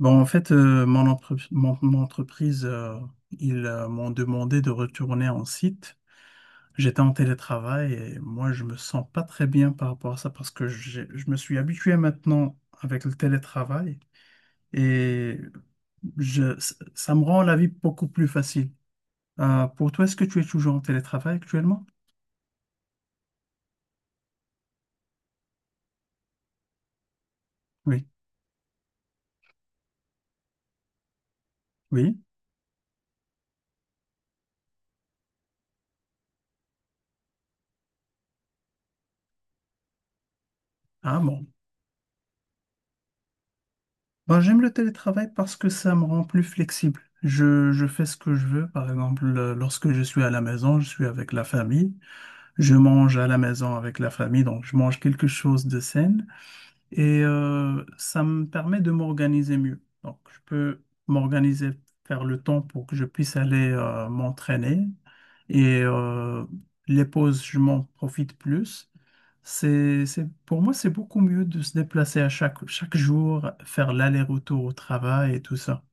Mon, mon entreprise, ils m'ont demandé de retourner en site. J'étais en télétravail et moi, je me sens pas très bien par rapport à ça parce que je me suis habitué maintenant avec le télétravail et je, ça me rend la vie beaucoup plus facile. Pour toi, est-ce que tu es toujours en télétravail actuellement? Oui. Oui. Ah bon. Ben, j'aime le télétravail parce que ça me rend plus flexible. Je fais ce que je veux. Par exemple, lorsque je suis à la maison, je suis avec la famille. Je mange à la maison avec la famille, donc je mange quelque chose de sain. Ça me permet de m'organiser mieux. Donc, je peux m'organiser, faire le temps pour que je puisse aller m'entraîner. Et euh, les pauses, je m'en profite plus. Pour moi, c'est beaucoup mieux de se déplacer à chaque jour, faire l'aller-retour au travail et tout ça.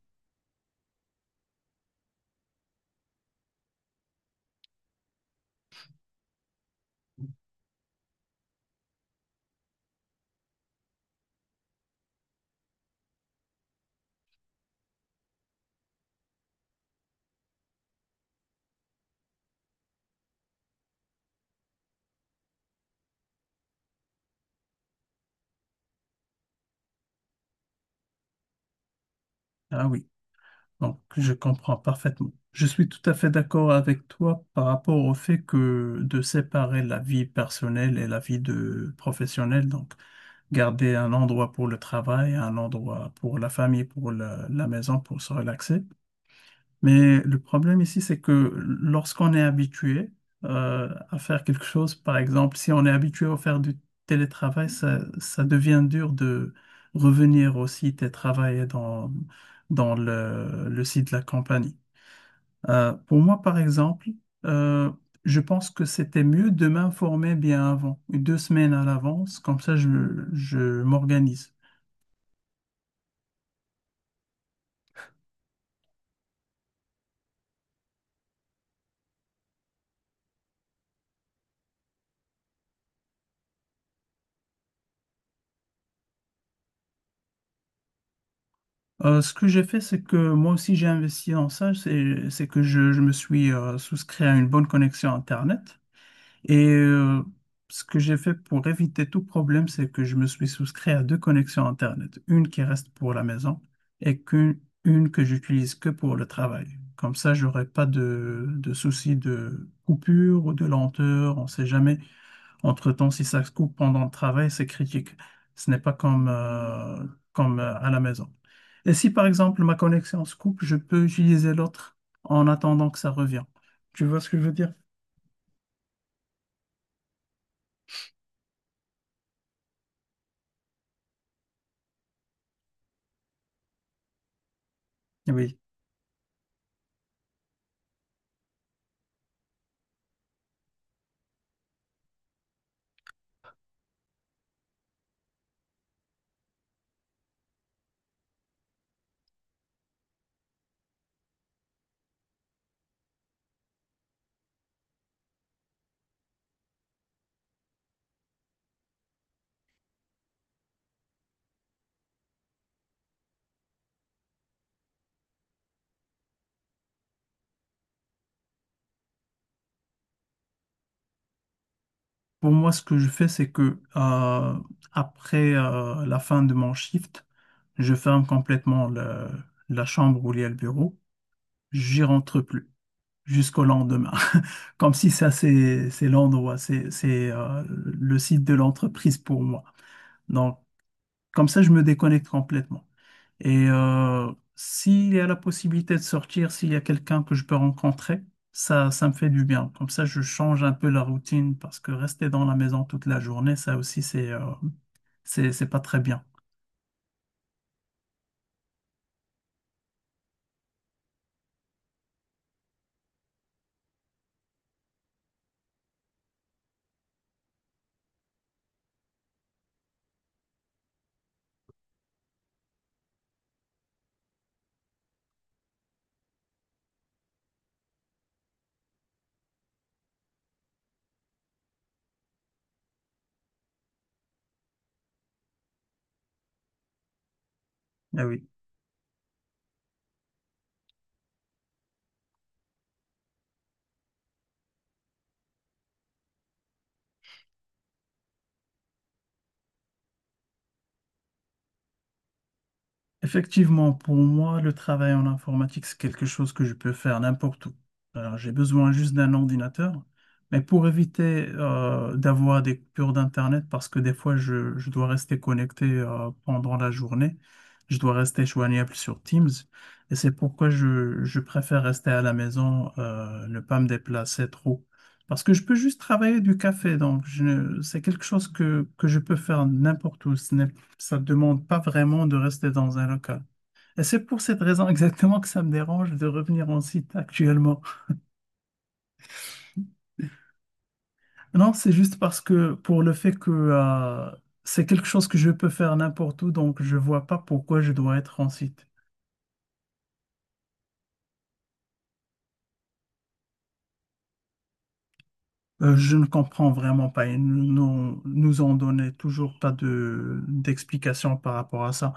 Ah oui, donc je comprends parfaitement. Je suis tout à fait d'accord avec toi par rapport au fait que de séparer la vie personnelle et la vie de professionnelle, donc garder un endroit pour le travail, un endroit pour la famille, pour la maison, pour se relaxer. Mais le problème ici, c'est que lorsqu'on est habitué à faire quelque chose, par exemple, si on est habitué à faire du télétravail, ça devient dur de revenir au site et travailler dans le site de la compagnie. Pour moi, par exemple, euh, je pense que c'était mieux de m'informer bien avant, deux semaines à l'avance, comme ça je m'organise. Ce que j'ai fait, c'est que moi aussi j'ai investi dans ça, c'est que je me suis souscrit à une bonne connexion Internet. Et euh, Ce que j'ai fait pour éviter tout problème, c'est que je me suis souscrit à deux connexions Internet, une qui reste pour la maison et qu'une une que j'utilise que pour le travail. Comme ça, j'aurai pas de soucis de coupure ou de lenteur, on sait jamais. Entre-temps, si ça se coupe pendant le travail, c'est critique. Ce n'est pas comme à la maison. Et si par exemple ma connexion se coupe, je peux utiliser l'autre en attendant que ça revienne. Tu vois ce que je veux dire? Oui. Pour moi, ce que je fais, c'est que après la fin de mon shift, je ferme complètement la chambre où il y a le bureau. J'y rentre plus jusqu'au lendemain. Comme si ça, c'est l'endroit, c'est le site de l'entreprise pour moi. Donc, comme ça, je me déconnecte complètement. S'il y a la possibilité de sortir, s'il y a quelqu'un que je peux rencontrer, ça me fait du bien. Comme ça, je change un peu la routine parce que rester dans la maison toute la journée, ça aussi, c'est pas très bien. Ah oui. Effectivement, pour moi, le travail en informatique, c'est quelque chose que je peux faire n'importe où. Alors, j'ai besoin juste d'un ordinateur, mais pour éviter d'avoir des coupures d'Internet, parce que des fois, je dois rester connecté pendant la journée, je dois rester joignable sur Teams, et c'est pourquoi je préfère rester à la maison, ne pas me déplacer trop. Parce que je peux juste travailler du café, donc je ne- c'est quelque chose que je peux faire n'importe où. Ça ne demande pas vraiment de rester dans un local. Et c'est pour cette raison exactement que ça me dérange de revenir en site actuellement. Non, c'est juste parce que pour le fait que c'est quelque chose que je peux faire n'importe où, donc je vois pas pourquoi je dois être en site. Je ne comprends vraiment pas. Ils nous ont donné toujours pas de d'explication par rapport à ça.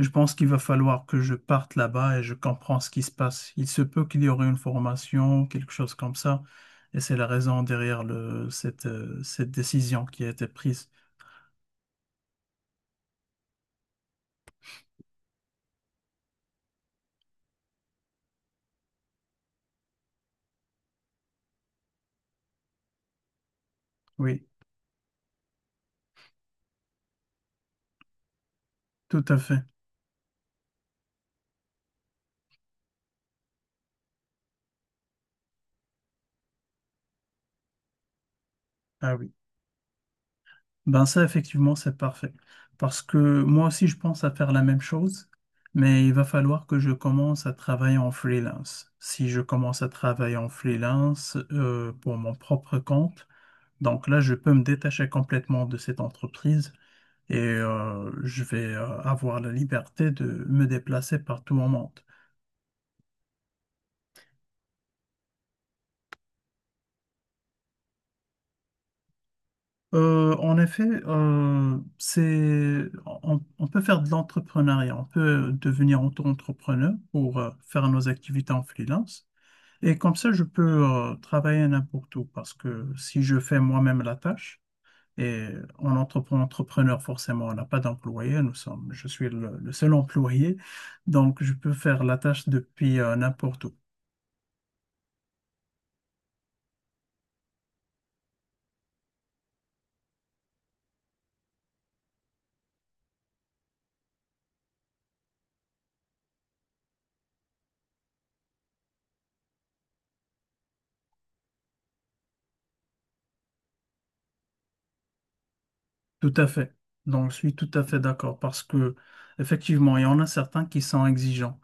Je pense qu'il va falloir que je parte là-bas et je comprends ce qui se passe. Il se peut qu'il y aurait une formation, quelque chose comme ça, et c'est la raison derrière cette, cette décision qui a été prise. Oui, tout à fait. Ah oui. Ben ça, effectivement, c'est parfait. Parce que moi aussi, je pense à faire la même chose, mais il va falloir que je commence à travailler en freelance. Si je commence à travailler en freelance pour mon propre compte, donc là, je peux me détacher complètement de cette entreprise et je vais avoir la liberté de me déplacer partout au monde. En effet, on peut faire de l'entrepreneuriat, on peut devenir auto-entrepreneur pour faire nos activités en freelance. Et comme ça, je peux travailler n'importe où parce que si je fais moi-même la tâche, et en entrepreneur forcément, on n'a pas d'employé, nous sommes, je suis le seul employé, donc je peux faire la tâche depuis n'importe où. Tout à fait. Donc, je suis tout à fait d'accord parce que, effectivement, il y en a certains qui sont exigeants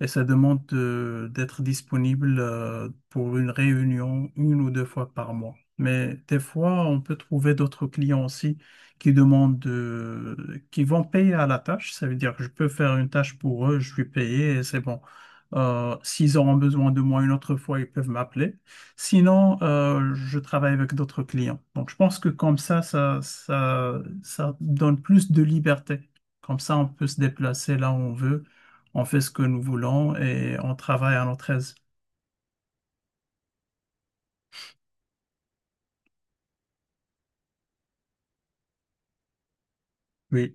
et ça demande d'être disponible pour une réunion une ou deux fois par mois. Mais des fois, on peut trouver d'autres clients aussi qui demandent qui vont payer à la tâche. Ça veut dire que je peux faire une tâche pour eux, je suis payé et c'est bon. S'ils auront besoin de moi une autre fois, ils peuvent m'appeler. Sinon, je travaille avec d'autres clients. Donc, je pense que comme ça, ça donne plus de liberté. Comme ça, on peut se déplacer là où on veut, on fait ce que nous voulons et on travaille à notre aise. Oui.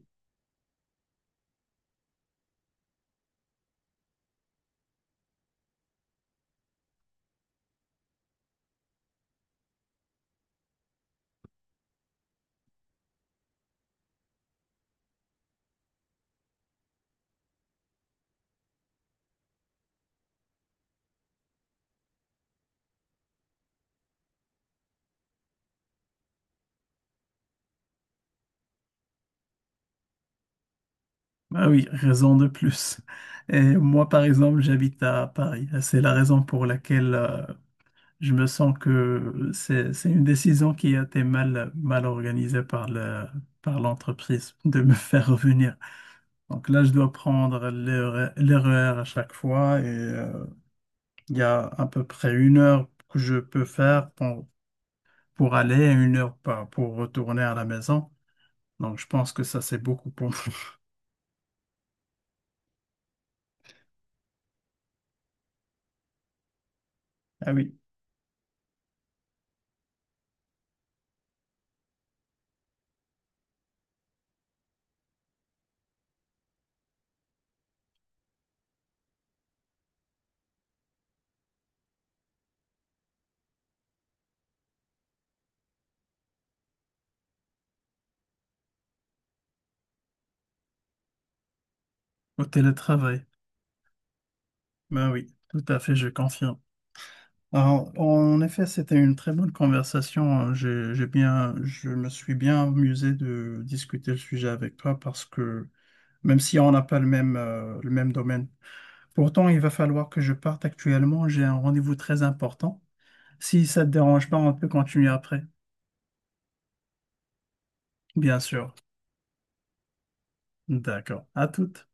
Ah oui, raison de plus. Et moi, par exemple, j'habite à Paris. C'est la raison pour laquelle je me sens que c'est une décision qui a été mal organisée par par l'entreprise de me faire revenir. Donc là, je dois prendre l'erreur à chaque fois et il y a à peu près une heure que je peux faire pour aller et une heure pour retourner à la maison. Donc je pense que ça, c'est beaucoup pour moi. Ah oui, au télétravail. Ben oui, tout à fait, je confirme. Alors, en effet, c'était une très bonne conversation. Je me suis bien amusé de discuter le sujet avec toi parce que même si on n'a pas le même, le même domaine. Pourtant, il va falloir que je parte actuellement. J'ai un rendez-vous très important. Si ça te dérange pas, on peut continuer après. Bien sûr. D'accord. À toutes.